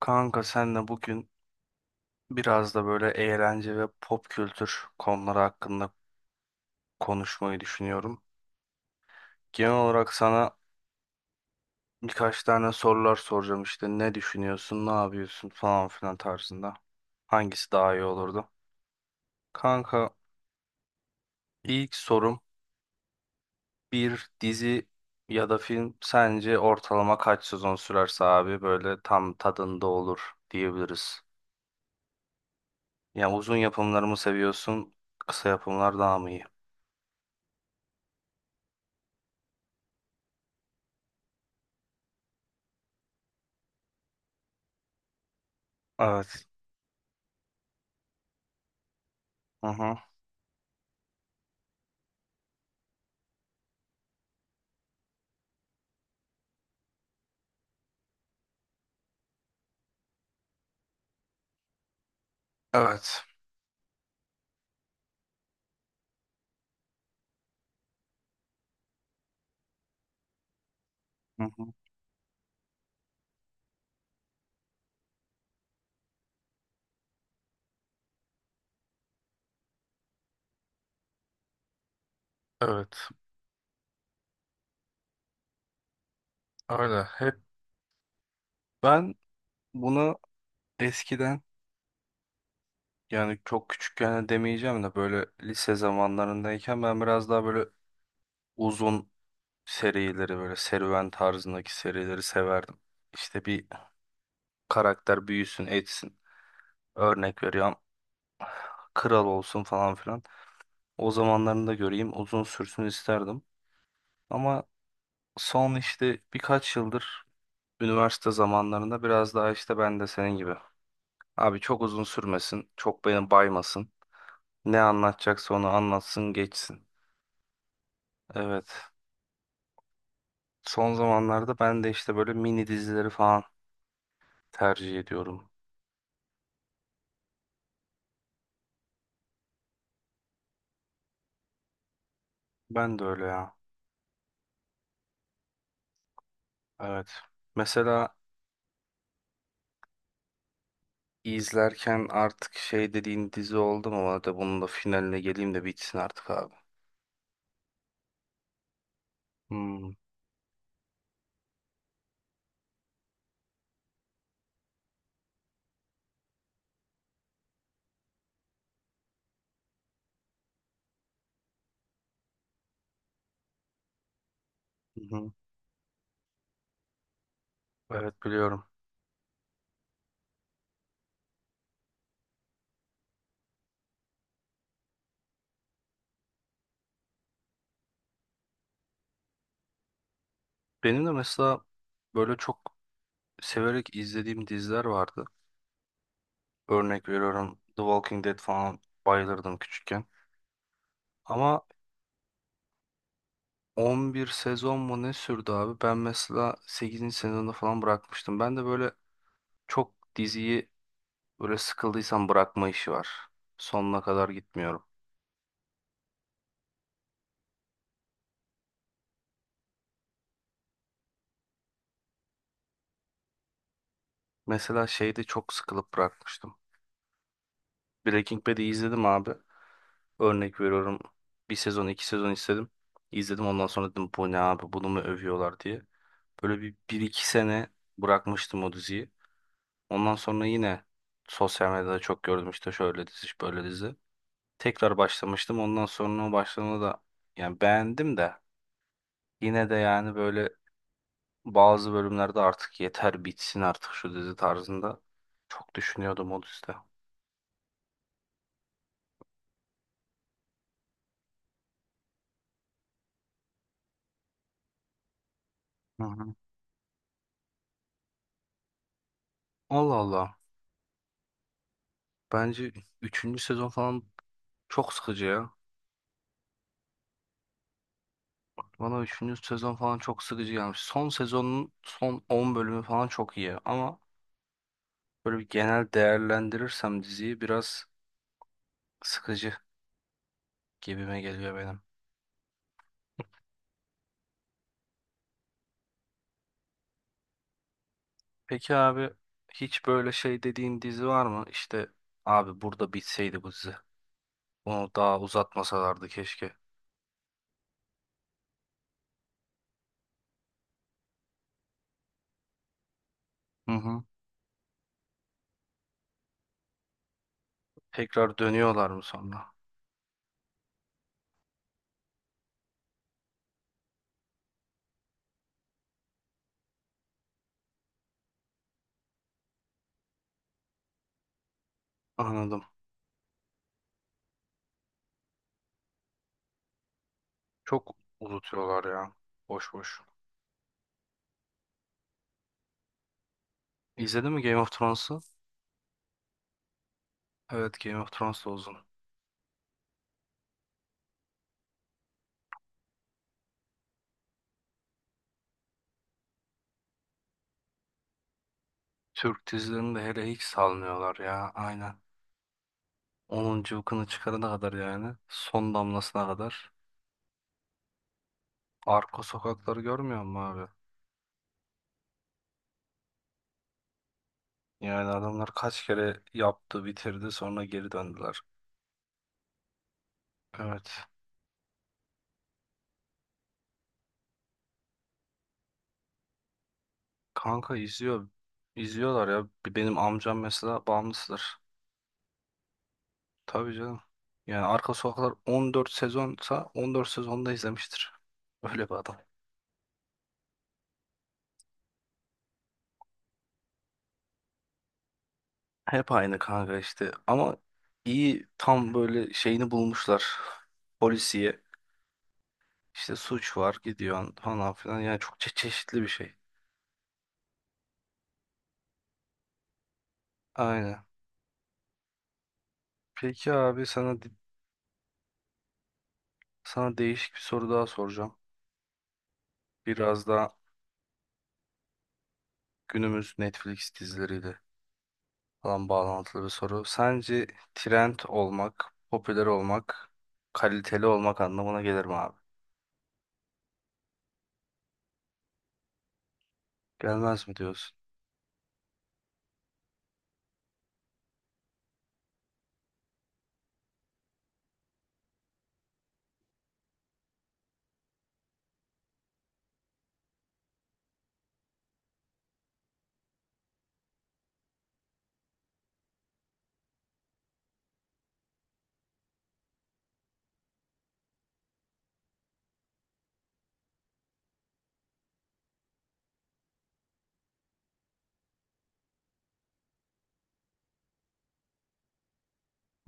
Kanka senle bugün biraz da böyle eğlence ve pop kültür konuları hakkında konuşmayı düşünüyorum. Genel olarak sana birkaç tane sorular soracağım işte ne düşünüyorsun, ne yapıyorsun falan filan tarzında. Hangisi daha iyi olurdu? Kanka ilk sorum bir dizi ya da film sence ortalama kaç sezon sürerse abi böyle tam tadında olur diyebiliriz. Yani uzun yapımları mı seviyorsun, kısa yapımlar daha mı iyi? Evet. Hı hı. Evet. Hı hı. Evet, öyle. Hep ben bunu eskiden yani çok küçükken de demeyeceğim de böyle lise zamanlarındayken ben biraz daha böyle uzun serileri böyle serüven tarzındaki serileri severdim. İşte bir karakter büyüsün etsin. Örnek veriyorum kral olsun falan filan. O zamanlarını da göreyim uzun sürsün isterdim. Ama son işte birkaç yıldır üniversite zamanlarında biraz daha işte ben de senin gibi. Abi çok uzun sürmesin. Çok beni baymasın. Ne anlatacaksa onu anlatsın geçsin. Evet. Son zamanlarda ben de işte böyle mini dizileri falan tercih ediyorum. Ben de öyle ya. Evet. Mesela izlerken artık şey dediğin dizi oldu mu? Hadi bunun da finaline geleyim de bitsin artık abi. Hmm. Hı hı. Evet biliyorum. Benim de mesela böyle çok severek izlediğim diziler vardı. Örnek veriyorum, The Walking Dead falan bayılırdım küçükken. Ama 11 sezon mu ne sürdü abi? Ben mesela 8. sezonda falan bırakmıştım. Ben de böyle çok diziyi böyle sıkıldıysam bırakma işi var. Sonuna kadar gitmiyorum. Mesela şeyde çok sıkılıp bırakmıştım. Breaking Bad'i izledim abi. Örnek veriyorum. Bir sezon, iki sezon istedim. İzledim, ondan sonra dedim bu ne abi, bunu mu övüyorlar diye. Böyle bir, bir iki sene bırakmıştım o diziyi. Ondan sonra yine sosyal medyada çok gördüm işte şöyle dizi, böyle dizi. Tekrar başlamıştım. Ondan sonra o başlamada da yani beğendim de yine de yani böyle bazı bölümlerde artık yeter bitsin artık şu dizi tarzında çok düşünüyordum o dizide. Hı hı. Allah Allah. Bence üçüncü sezon falan çok sıkıcı ya. Bana üçüncü sezon falan çok sıkıcı gelmiş. Son sezonun son 10 bölümü falan çok iyi ama böyle bir genel değerlendirirsem diziyi biraz sıkıcı gibime geliyor benim. Peki abi hiç böyle şey dediğin dizi var mı? İşte abi burada bitseydi bu dizi. Bunu daha uzatmasalardı keşke. Hı hı. Tekrar dönüyorlar mı sonra? Anladım. Çok unutuyorlar ya. Boş boş. İzledin mi Game of Thrones'u? Evet, Game of Thrones da uzun. Türk dizilerini de hele hiç salmıyorlar ya. Aynen. Onun cıvkını çıkarana kadar yani. Son damlasına kadar. Arka sokakları görmüyor musun abi? Yani adamlar kaç kere yaptı bitirdi sonra geri döndüler. Evet. Kanka izliyor. İzliyorlar ya. Benim amcam mesela bağımlısıdır. Tabii canım. Yani Arka Sokaklar 14 sezonsa 14 sezonda izlemiştir. Öyle bir adam. Hep aynı kanka işte. Ama iyi, tam böyle şeyini bulmuşlar. Polisiye. İşte suç var, gidiyorsun falan filan. Yani çok çeşitli bir şey. Aynen. Peki abi sana değişik bir soru daha soracağım. Biraz daha günümüz Netflix dizileriyle falan bağlantılı bir soru. Sence trend olmak, popüler olmak, kaliteli olmak anlamına gelir mi abi? Gelmez mi diyorsun?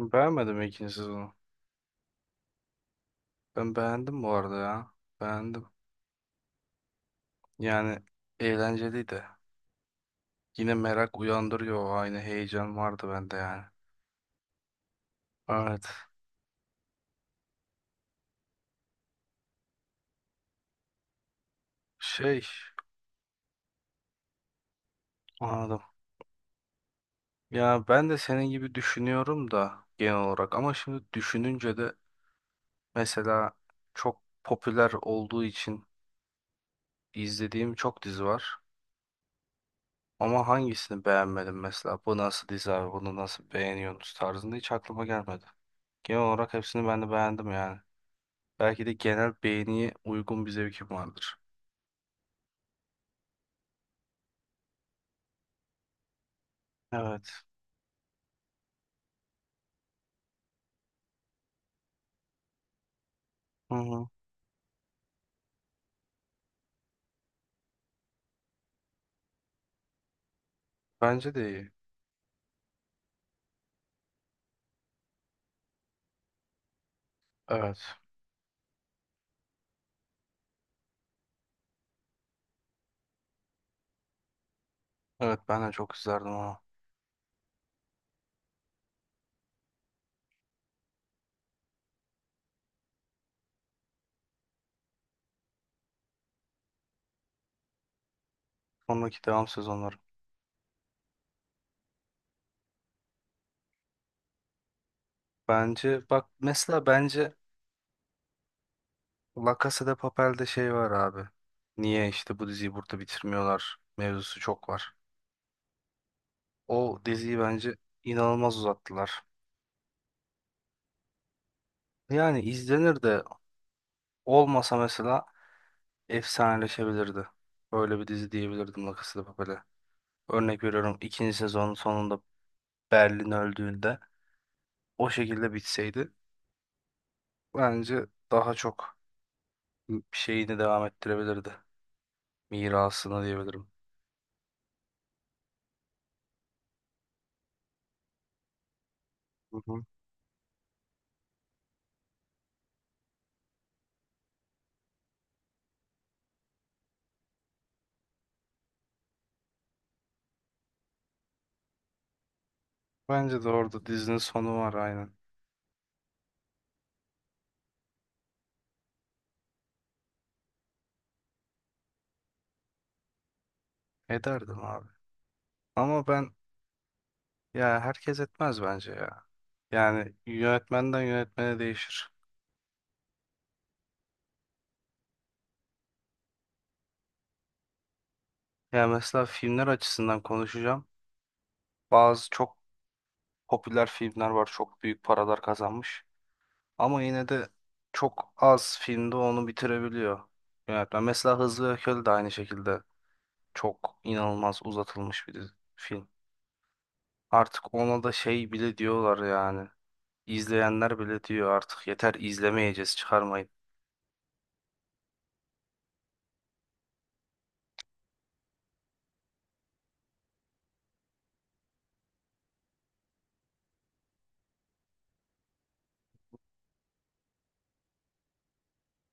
Beğenmedim ikinci sezonu. Ben beğendim bu arada ya. Beğendim. Yani eğlenceliydi. Yine merak uyandırıyor. Aynı heyecan vardı bende yani. Evet. Şey Anladım. Ya ben de senin gibi düşünüyorum da genel olarak. Ama şimdi düşününce de mesela çok popüler olduğu için izlediğim çok dizi var. Ama hangisini beğenmedim mesela? Bu nasıl dizi abi? Bunu nasıl beğeniyorsunuz tarzında hiç aklıma gelmedi. Genel olarak hepsini ben de beğendim yani. Belki de genel beğeniye uygun bir zevkim vardır. Evet. Hı hı. Bence de iyi. Evet. Evet, ben de çok izlerdim onu. Sonraki devam sezonları. Bence bak mesela, bence La Casa de Papel'de şey var abi. Niye işte bu diziyi burada bitirmiyorlar mevzusu çok var. O diziyi bence inanılmaz uzattılar. Yani izlenir de olmasa mesela efsaneleşebilirdi. Böyle bir dizi diyebilirdim La Casa de Papel'e. Örnek veriyorum, ikinci sezonun sonunda Berlin öldüğünde o şekilde bitseydi bence daha çok bir şeyini devam ettirebilirdi. Mirasını diyebilirim. Hı hı. Bence de orada dizinin sonu var, aynen. Ederdim abi. Ama ben ya, herkes etmez bence ya. Yani yönetmenden yönetmene değişir. Ya mesela filmler açısından konuşacağım. Bazı çok popüler filmler var, çok büyük paralar kazanmış. Ama yine de çok az filmde onu bitirebiliyor yönetmen. Mesela Hızlı ve Öfkeli de aynı şekilde çok inanılmaz uzatılmış bir film. Artık ona da şey bile diyorlar yani. İzleyenler bile diyor artık yeter, izlemeyeceğiz, çıkarmayın.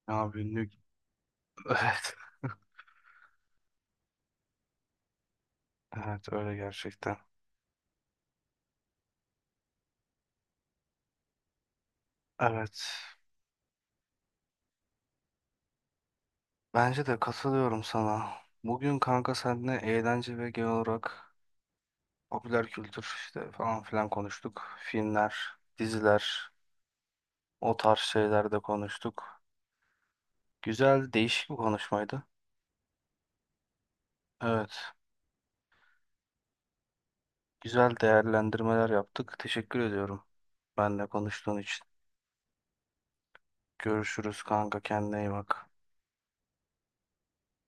Abi ünlü... Evet. Evet öyle gerçekten. Evet. Bence de katılıyorum sana. Bugün kanka seninle eğlence ve genel olarak popüler kültür işte falan filan konuştuk. Filmler, diziler, o tarz şeyler de konuştuk. Güzel, değişik bir konuşmaydı. Evet, güzel değerlendirmeler yaptık. Teşekkür ediyorum benle konuştuğun için. Görüşürüz kanka, kendine iyi bak.